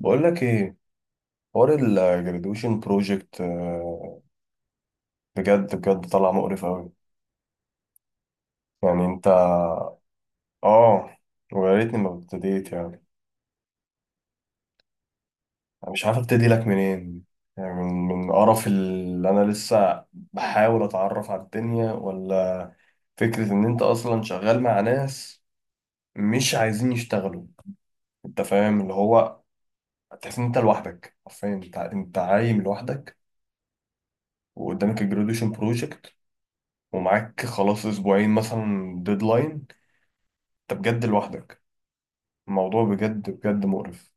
بقول لك ايه، حوار الجراديويشن بروجكت بجد بجد طلع مقرف قوي. يعني انت؟ اه، ويا ريتني ما ابتديت يعني. انا مش عارف ابتدي لك منين، يعني من قرف اللي انا لسه بحاول اتعرف على الدنيا، ولا فكرة ان انت اصلا شغال مع ناس مش عايزين يشتغلوا. انت فاهم اللي هو، تحس ان انت لوحدك حرفيا، انت عايم لوحدك وقدامك الجراديويشن بروجكت، ومعاك خلاص اسبوعين مثلا ديدلاين. انت بجد لوحدك، الموضوع بجد بجد مقرف.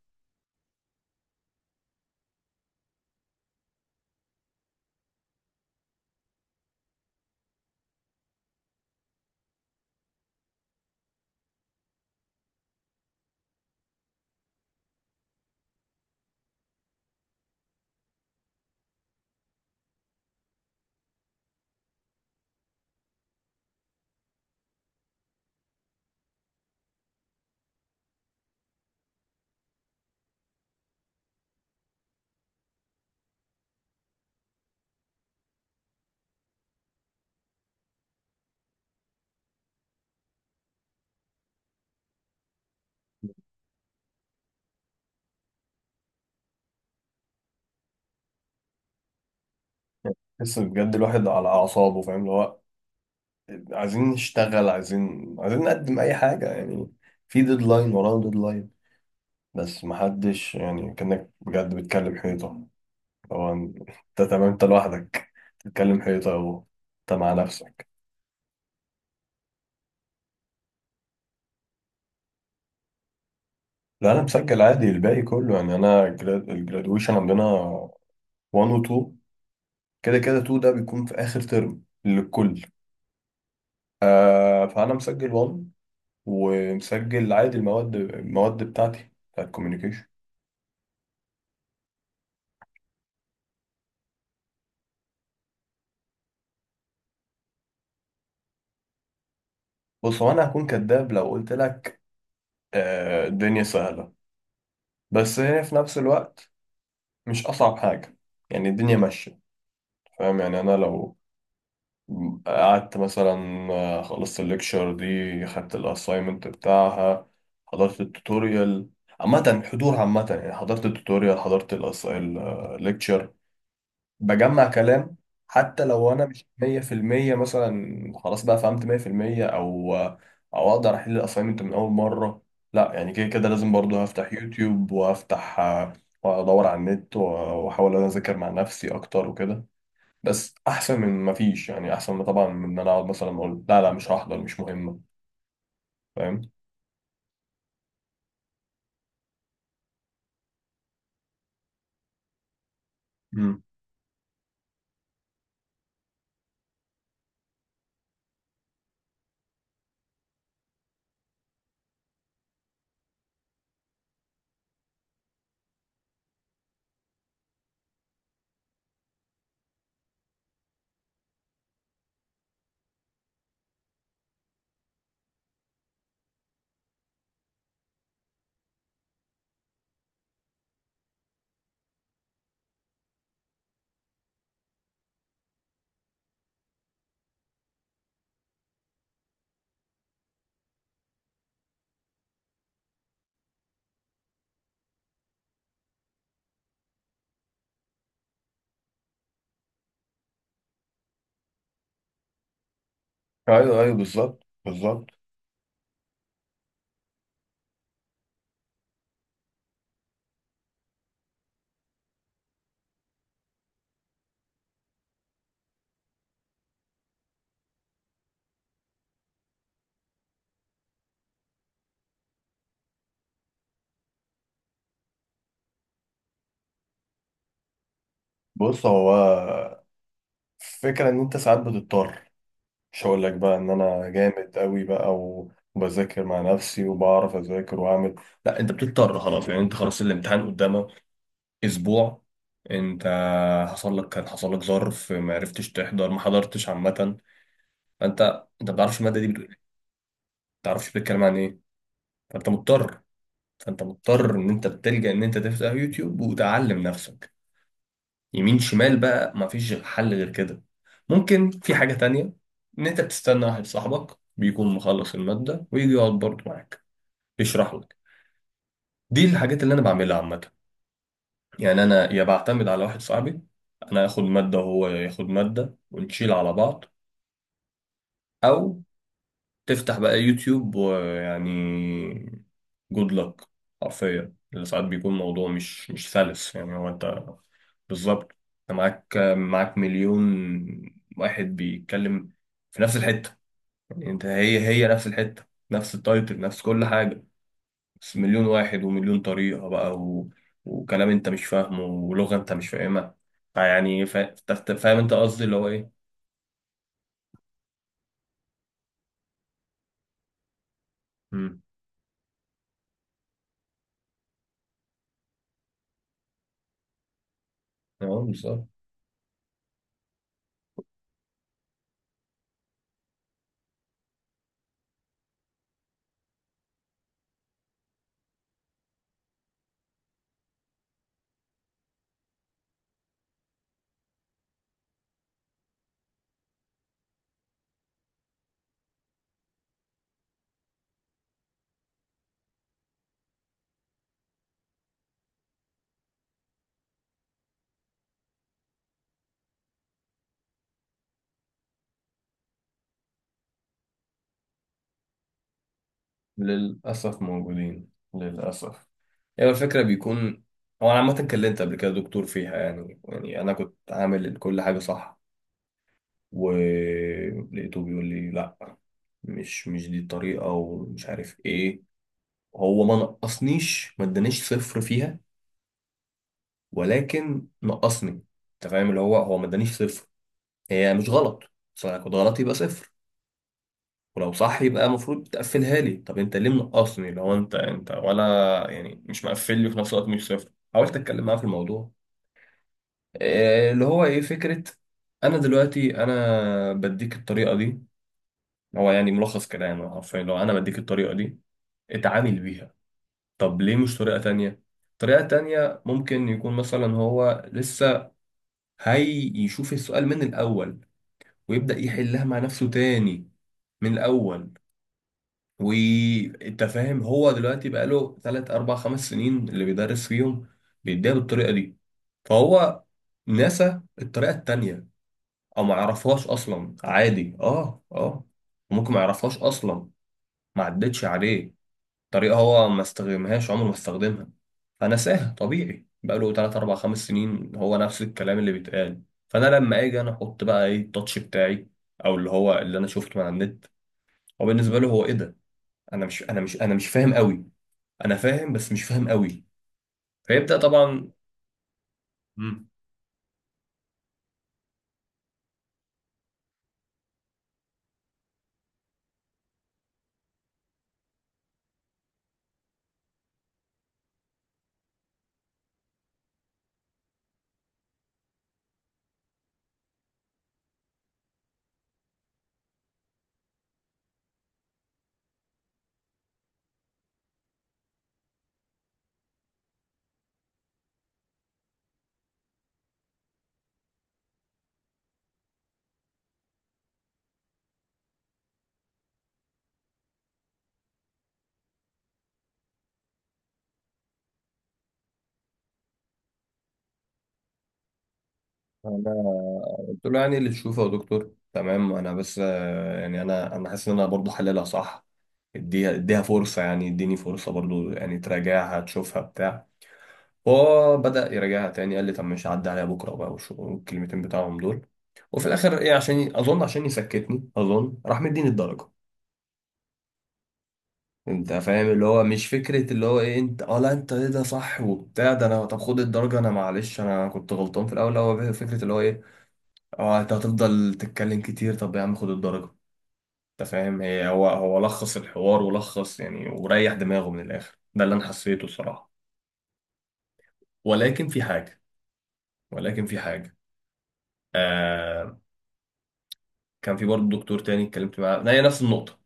تحس بجد الواحد على اعصابه، فاهم اللي هو. عايزين نشتغل، عايزين نقدم اي حاجه، يعني في ديدلاين وراه ديدلاين بس محدش. يعني كانك بجد بتكلم حيطه. هو انت، تمام، انت لوحدك بتتكلم حيطه اهو، انت مع نفسك. لا، انا مسجل عادي الباقي كله. يعني انا الجرادويشن عندنا 1 و 2، كده كده 2 ده بيكون في اخر ترم للكل. فانا مسجل 1، ومسجل عادي المواد بتاعتي بتاعت الكوميونيكيشن. بص، هو انا هكون كداب لو قلت لك آه الدنيا سهله، بس هي في نفس الوقت مش اصعب حاجه، يعني الدنيا ماشيه. فاهم؟ يعني انا لو قعدت مثلا، خلصت الليكشر دي، خدت الاساينمنت بتاعها، حضرت التوتوريال. عامة حضور، عامة، يعني حضرت التوتوريال، حضرت الليكتشر، بجمع كلام، حتى لو انا مش 100% مثلا خلاص بقى فهمت 100%، او او اقدر احل الاساينمنت من اول مره. لا، يعني كده كده لازم برضو هفتح يوتيوب، وافتح وادور على النت، واحاول انا اذاكر مع نفسي اكتر وكده. بس احسن من ما فيش، يعني احسن من، طبعا، من ان انا اقعد مثلا اقول لا، لا مش هحضر مش مهمه. فاهم؟ امم، ايوه ايوه، بالظبط بالظبط. بص هو فكرة ان انت ساعات بتضطر، مش هقول لك بقى ان انا جامد قوي بقى وبذاكر مع نفسي وبعرف اذاكر واعمل. لا، انت بتضطر خلاص، يعني انت خلاص الامتحان قدامك اسبوع. انت، حصل لك كان حصل لك ظرف ما عرفتش تحضر، ما حضرتش عامه. فانت ما بتعرفش الماده دي بتقول ايه، ما بتعرفش بتتكلم عن ايه. فانت مضطر فانت مضطر ان انت بتلجأ ان انت تفتح يوتيوب وتعلم نفسك يمين شمال بقى، مفيش غير حل غير كده. ممكن في حاجة تانية، إن أنت بتستنى واحد صاحبك بيكون مخلص المادة ويجي يقعد برضه معاك يشرح لك. دي الحاجات اللي أنا بعملها عامة. يعني أنا يا بعتمد على واحد صاحبي، أنا آخد مادة وهو ياخد مادة ونشيل على بعض، أو تفتح بقى يوتيوب ويعني جود لك. حرفيا اللي ساعات بيكون موضوع مش سلس، يعني هو انت بالظبط، انت معاك مليون واحد بيتكلم في نفس الحتة. يعني انت هي نفس الحتة، نفس التايتل، نفس كل حاجة، بس مليون واحد ومليون طريقة بقى، و... وكلام انت مش فاهمه، ولغة انت مش فاهمها. فيعني فاهم انت قصدي اللي هو ايه؟ امم، اه بالظبط. للأسف موجودين، للأسف. هي الفكرة بيكون، هو أنا عامة اتكلمت قبل كده دكتور فيها. يعني أنا كنت عامل كل حاجة صح، ولقيته بيقول لي لأ، مش دي الطريقة ومش عارف إيه. هو ما نقصنيش، ما ادانيش صفر فيها، ولكن نقصني. أنت فاهم اللي هو، ما ادانيش صفر، هي مش غلط، بس أنا كنت غلط يبقى صفر، ولو صح يبقى المفروض تقفلها لي. طب أنت ليه منقصني لو أنت ولا، يعني مش مقفل لي في نفس الوقت مش صفر. حاولت أتكلم معاه في الموضوع، اللي هو ايه فكرة، انا دلوقتي بديك الطريقة دي. هو يعني ملخص كلامه حرفيا، لو انا بديك الطريقة دي اتعامل بيها، طب ليه مش طريقة تانية؟ طريقة تانية ممكن يكون مثلا هو لسه هي يشوف السؤال من الاول، ويبدأ يحلها مع نفسه تاني من الاول. وانت فاهم، هو دلوقتي بقاله 3 4 5 سنين اللي بيدرس فيهم بيديها بالطريقة دي، فهو نسى الطريقة التانية، او ما يعرفهاش اصلا، عادي. اه، ممكن ما يعرفهاش اصلا، ما عدتش عليه. طريقه هو ما استخدمهاش عمره ما استخدمها فنساها، طبيعي بقاله 3 4 5 سنين هو نفس الكلام اللي بيتقال. فانا لما اجي انا احط بقى ايه التاتش بتاعي، او اللي هو اللي انا شفته من على النت، هو بالنسبه له هو ايه ده. انا مش فاهم قوي، انا فاهم بس مش فاهم قوي، فيبدا طبعا. مم. انا قلت له يعني اللي تشوفه يا دكتور تمام. انا بس يعني انا حاسس ان انا برضه حللها صح، اديها فرصة، يعني اديني فرصة برضو، يعني تراجعها تشوفها بتاع. هو بدأ يراجعها تاني، قال لي طب مش هعدي عليها بكرة بقى والكلمتين بتاعهم دول. وفي الآخر إيه، عشان أظن عشان يسكتني أظن راح مديني الدرجة. أنت فاهم اللي هو، مش فكرة اللي هو إيه أنت، أه لا أنت إيه ده صح وبتاع، ده أنا طب خد الدرجة، أنا معلش أنا كنت غلطان في الأول. هو فكرة اللي هو إيه، أه أنت هتفضل تتكلم كتير، طب يا عم خد الدرجة. أنت فاهم، هي هو هو لخص الحوار ولخص، يعني وريح دماغه من الآخر. ده اللي أنا حسيته الصراحة. ولكن في حاجة، ولكن في حاجة، آه. كان في برضه دكتور تاني اتكلمت معاه، هي نفس النقطة،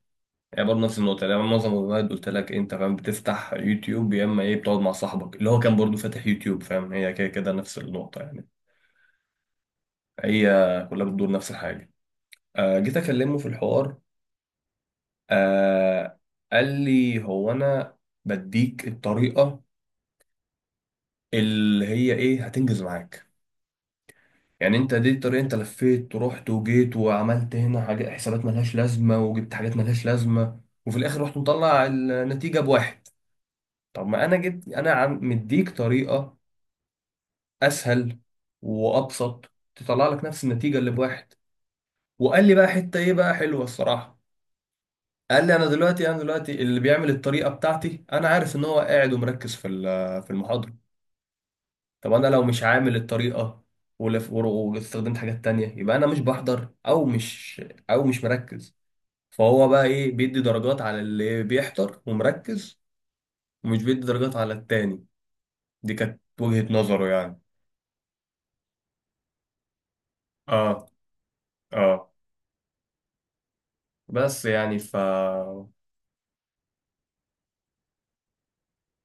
هي برضه نفس النقطة. يعني أنا معظم الوقت قلت لك إيه، انت فاهم بتفتح يوتيوب يا اما ايه بتقعد مع صاحبك اللي هو كان برضه فاتح يوتيوب، فاهم، هي كده كده نفس النقطة. يعني هي كلها بتدور نفس الحاجة. آه جيت اكلمه في الحوار، آه قال لي هو انا بديك الطريقة اللي هي ايه هتنجز معاك. يعني انت دي الطريقة، انت لفيت ورحت وجيت وعملت هنا حاجات، حسابات ملهاش لازمة، وجبت حاجات ملهاش لازمة، وفي الاخر رحت مطلع النتيجة بواحد. طب ما انا جبت، انا عم مديك طريقة اسهل وابسط تطلع لك نفس النتيجة اللي بواحد. وقال لي بقى حتة ايه بقى حلوة الصراحة، قال لي انا دلوقتي اللي بيعمل الطريقة بتاعتي انا عارف ان هو قاعد ومركز في في المحاضرة. طب انا لو مش عامل الطريقه واستخدمت حاجات تانية، يبقى انا مش بحضر، او مش مركز. فهو بقى ايه بيدي درجات على اللي بيحضر ومركز، ومش بيدي درجات على التاني. دي كانت وجهة نظره يعني. اه اه، بس يعني ف،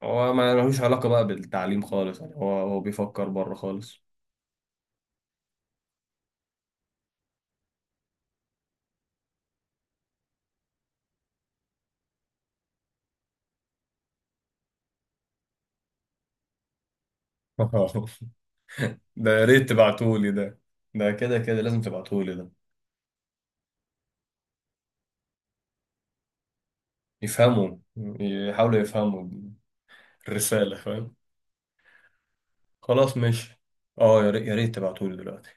هو ما لهوش علاقة بقى بالتعليم خالص، يعني هو بيفكر بره خالص. ده يا ريت تبعتولي ده، ده كده كده لازم تبعتولي ده. يفهموا، يحاولوا يفهموا الرسالة، فاهم، خلاص ماشي. اه يا ريت تبعتولي دلوقتي.